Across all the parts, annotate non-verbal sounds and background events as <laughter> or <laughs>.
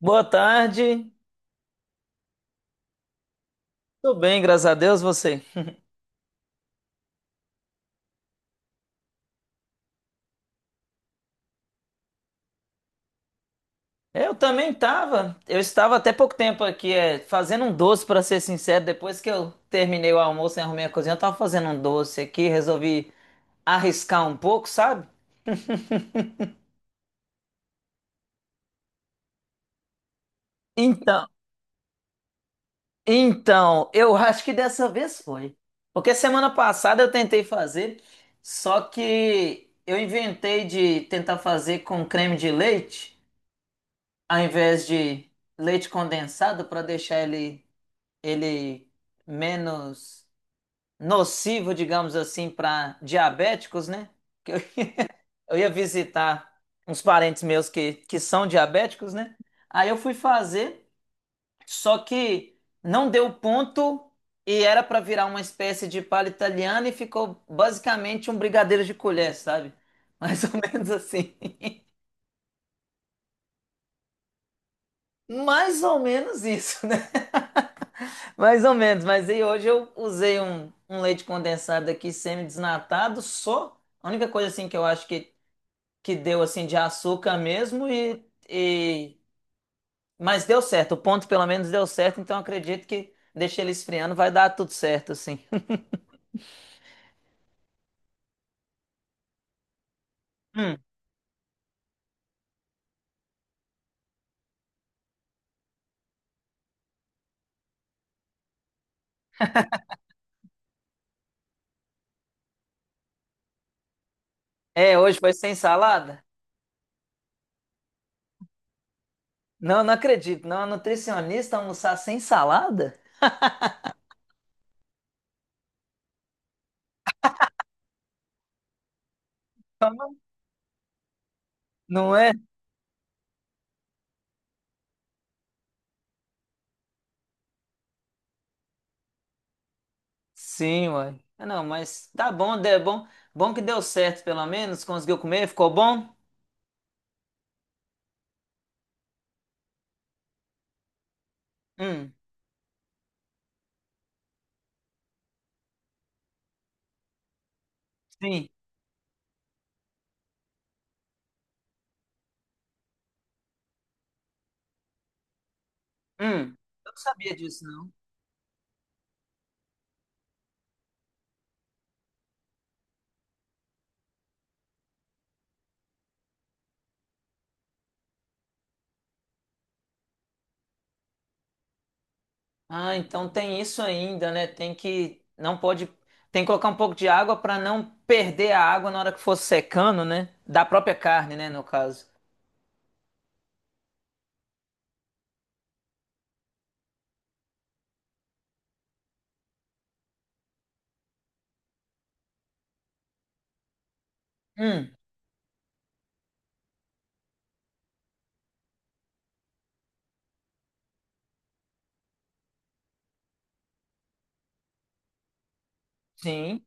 Boa tarde. Tudo bem, graças a Deus, você. Eu também estava. Eu estava até pouco tempo aqui, fazendo um doce, para ser sincero. Depois que eu terminei o almoço e arrumei a cozinha, eu tava fazendo um doce aqui, resolvi arriscar um pouco, sabe? Então, então, eu acho que dessa vez foi. Porque semana passada eu tentei fazer, só que eu inventei de tentar fazer com creme de leite, ao invés de leite condensado, para deixar ele menos nocivo, digamos assim, para diabéticos, né? Que eu ia visitar uns parentes meus que são diabéticos, né? Aí eu fui fazer, só que não deu ponto e era para virar uma espécie de palha italiana e ficou basicamente um brigadeiro de colher, sabe? Mais ou <laughs> menos assim. Mais ou menos isso, né? <laughs> Mais ou menos, mas aí hoje eu usei um leite condensado aqui semi-desnatado, só. A única coisa assim que eu acho que deu assim de açúcar mesmo e- mas deu certo. O ponto pelo menos deu certo, então eu acredito que deixei ele esfriando, vai dar tudo certo assim. <laughs> Hum. É, hoje foi sem salada? Não, não acredito. Não, a nutricionista almoçar sem salada? Não é? Sim, uai. Ah, não, mas tá bom, é bom. Bom que deu certo, pelo menos. Conseguiu comer? Ficou bom? Hum, sim. Hum. Eu não sabia disso, não. Ah, então tem isso ainda, né? Tem que. Não pode. Tem que colocar um pouco de água para não perder a água na hora que for secando, né? Da própria carne, né? No caso. Hum, sim.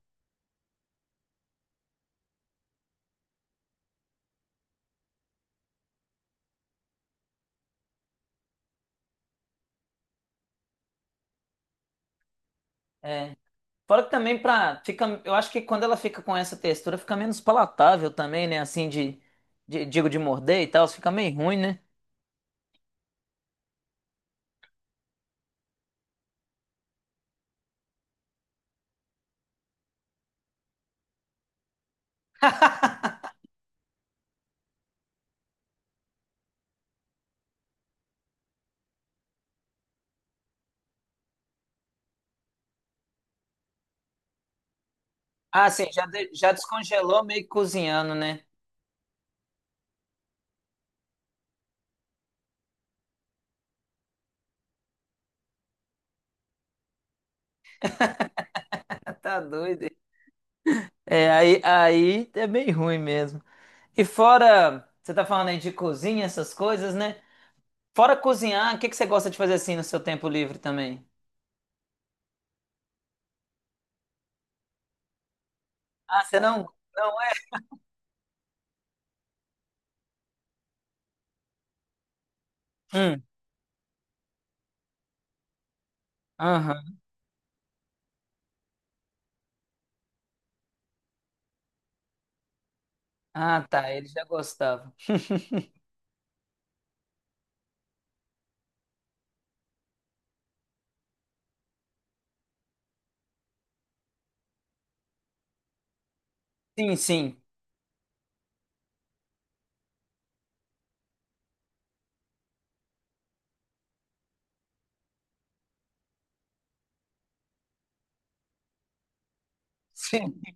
É. Fora que também pra. Fica, eu acho que quando ela fica com essa textura, fica menos palatável também, né? Assim, digo, de morder e tal. Fica meio ruim, né? <laughs> Ah, sim, já, já descongelou meio que cozinhando, né? Ah, tá doido. É, aí é bem ruim mesmo. E fora, você tá falando aí de cozinha, essas coisas, né? Fora cozinhar, o que que você gosta de fazer assim no seu tempo livre também? Ah, você não? Não é? Hum, aham. Ah, tá, ele já gostava. Sim, sim. <laughs>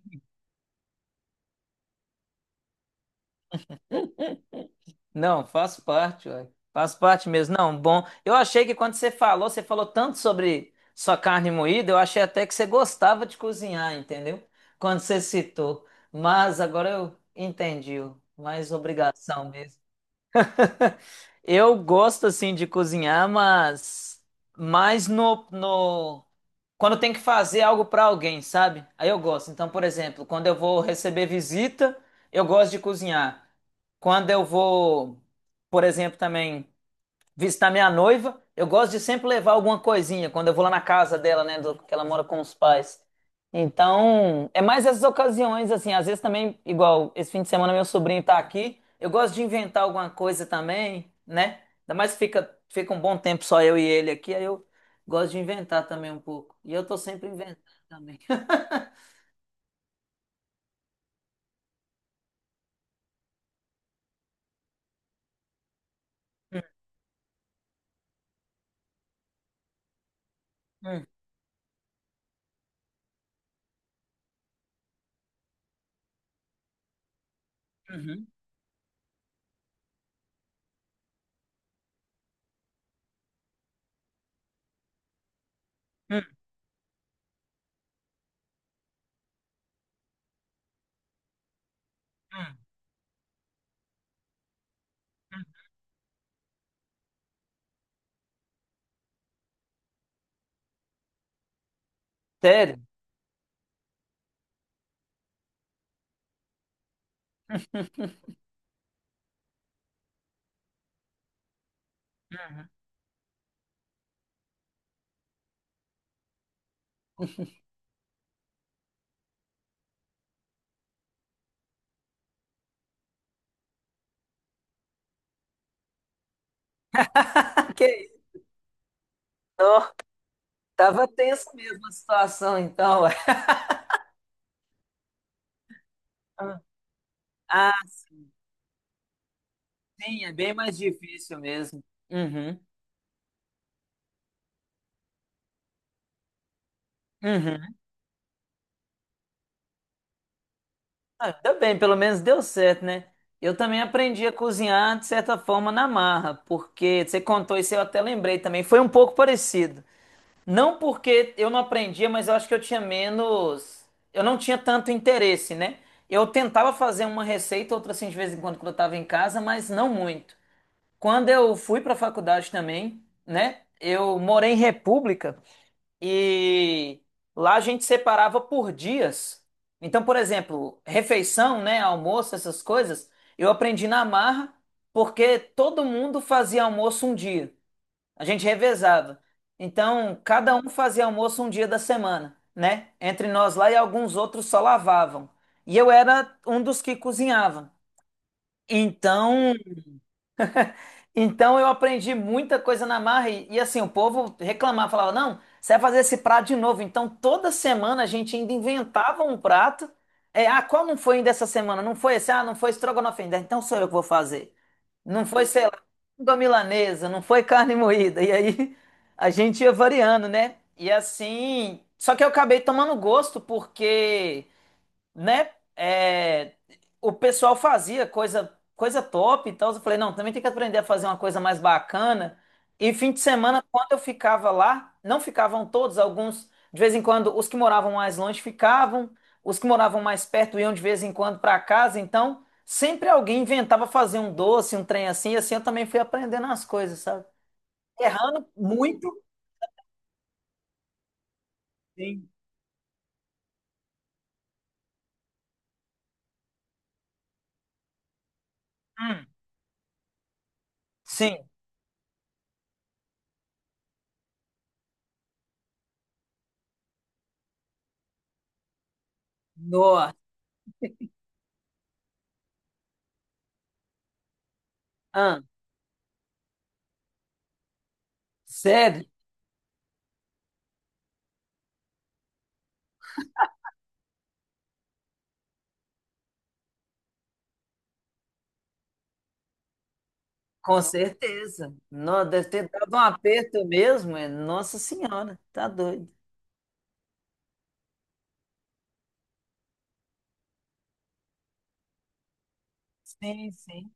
Não, faço parte, ué. Faço parte mesmo. Não, bom. Eu achei que quando você falou tanto sobre sua carne moída, eu achei até que você gostava de cozinhar, entendeu? Quando você citou. Mas agora eu entendi, ué. Mais obrigação mesmo. Eu gosto assim de cozinhar, mas mais no, no... quando tem que fazer algo para alguém, sabe? Aí eu gosto. Então, por exemplo, quando eu vou receber visita, eu gosto de cozinhar. Quando eu vou, por exemplo, também visitar minha noiva. Eu gosto de sempre levar alguma coisinha quando eu vou lá na casa dela, né? Que ela mora com os pais. Então, é mais essas ocasiões, assim. Às vezes também, igual esse fim de semana, meu sobrinho tá aqui. Eu gosto de inventar alguma coisa também, né? Ainda mais que fica um bom tempo só eu e ele aqui. Aí eu gosto de inventar também um pouco. E eu tô sempre inventando também. <laughs> Hum, uhum, hum, hum, hum. Sério? <laughs> Uhum. <laughs> Que isso? Ó, tava tenso mesmo a situação, então. Ué. Ah, sim, sim, é bem mais difícil mesmo. Uhum, uhum. Ah, ainda bem, pelo menos deu certo, né? Eu também aprendi a cozinhar, de certa forma, na marra, porque você contou isso, eu até lembrei também. Foi um pouco parecido. Não porque eu não aprendia, mas eu acho que eu tinha menos. Eu não tinha tanto interesse, né? Eu tentava fazer uma receita, outra assim, de vez em quando, quando eu estava em casa, mas não muito. Quando eu fui para a faculdade também, né? Eu morei em República. E lá a gente separava por dias. Então, por exemplo, refeição, né, almoço, essas coisas, eu aprendi na marra porque todo mundo fazia almoço um dia. A gente revezava. Então, cada um fazia almoço um dia da semana, né? Entre nós lá e alguns outros só lavavam. E eu era um dos que cozinhava. Então, então, eu aprendi muita coisa na marra assim, o povo reclamava, falava, não, você vai fazer esse prato de novo. Então toda semana a gente ainda inventava um prato. É, ah, qual não foi ainda essa semana? Não foi esse? Ah, não foi estrogonofe ainda. Então sou eu que vou fazer. Não foi, sei lá, língua milanesa, não foi carne moída. E aí a gente ia variando, né? E assim, só que eu acabei tomando gosto porque né? é, o pessoal fazia coisa top e tal. Eu falei, não, também tem que aprender a fazer uma coisa mais bacana. E fim de semana, quando eu ficava lá, não ficavam todos, alguns, de vez em quando, os que moravam mais longe ficavam, os que moravam mais perto iam de vez em quando para casa. Então, sempre alguém inventava fazer um doce, um trem assim, e assim eu também fui aprendendo as coisas, sabe? Errando muito. Sim. Hum, sim. Nossa. Ah, sério? Com certeza. Não, deve ter dado um aperto mesmo. É. Nossa Senhora, tá doido. Sim, sim.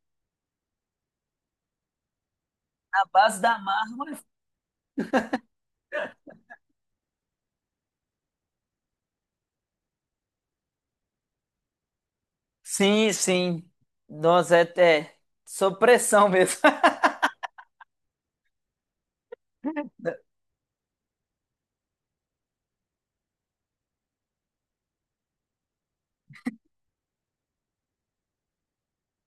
Na base da marra. Sim, sim. Nossa, é até sob pressão mesmo. <laughs>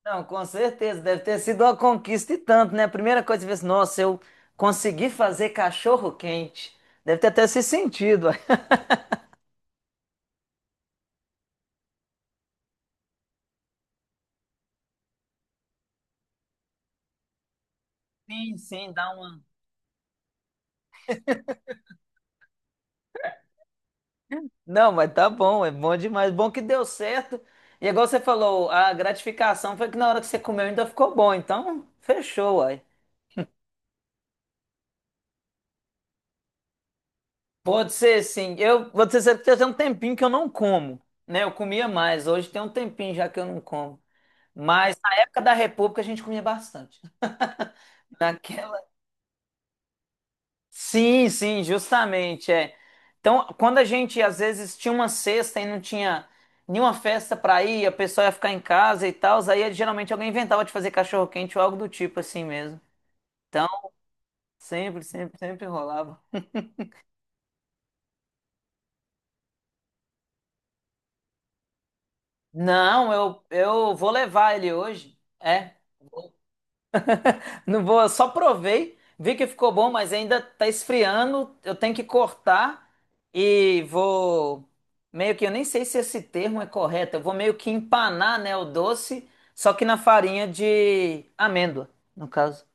Não, com certeza. Deve ter sido uma conquista e tanto, né? A primeira coisa que você fez, nossa, eu consegui fazer cachorro quente. Deve ter até se sentido. <laughs> Ué. Sim, sim, dá uma. Não, mas tá bom, é bom demais. Bom que deu certo. E igual você falou, a gratificação foi que na hora que você comeu ainda ficou bom. Então, fechou, uai. Pode ser, sim. Eu vou dizer que tem um tempinho que eu não como, né? Eu comia mais. Hoje tem um tempinho já que eu não como. Mas na época da República a gente comia bastante. <laughs> Naquela sim, sim, justamente, é. Então, quando a gente às vezes tinha uma sexta e não tinha nenhuma festa pra ir, a pessoa ia ficar em casa e tal, aí geralmente alguém inventava de fazer cachorro-quente ou algo do tipo assim mesmo. Então, sempre, sempre, sempre rolava. Não, eu vou levar ele hoje. É. Não vou, eu só provei, vi que ficou bom, mas ainda tá esfriando. Eu tenho que cortar e vou meio que eu nem sei se esse termo é correto. Eu vou meio que empanar, né, o doce, só que na farinha de amêndoa, no caso.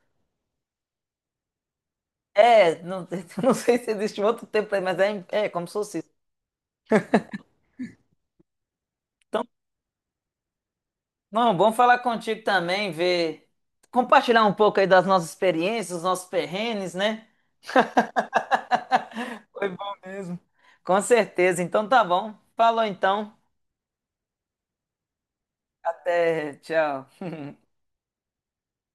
É, não, <laughs> não sei se existe um outro tempo mas é como se fosse isso. Então, não, bom falar contigo também, ver, compartilhar um pouco aí das nossas experiências, os nossos perrengues, né? Foi bom mesmo. Com certeza. Então tá bom. Falou então. Até, tchau.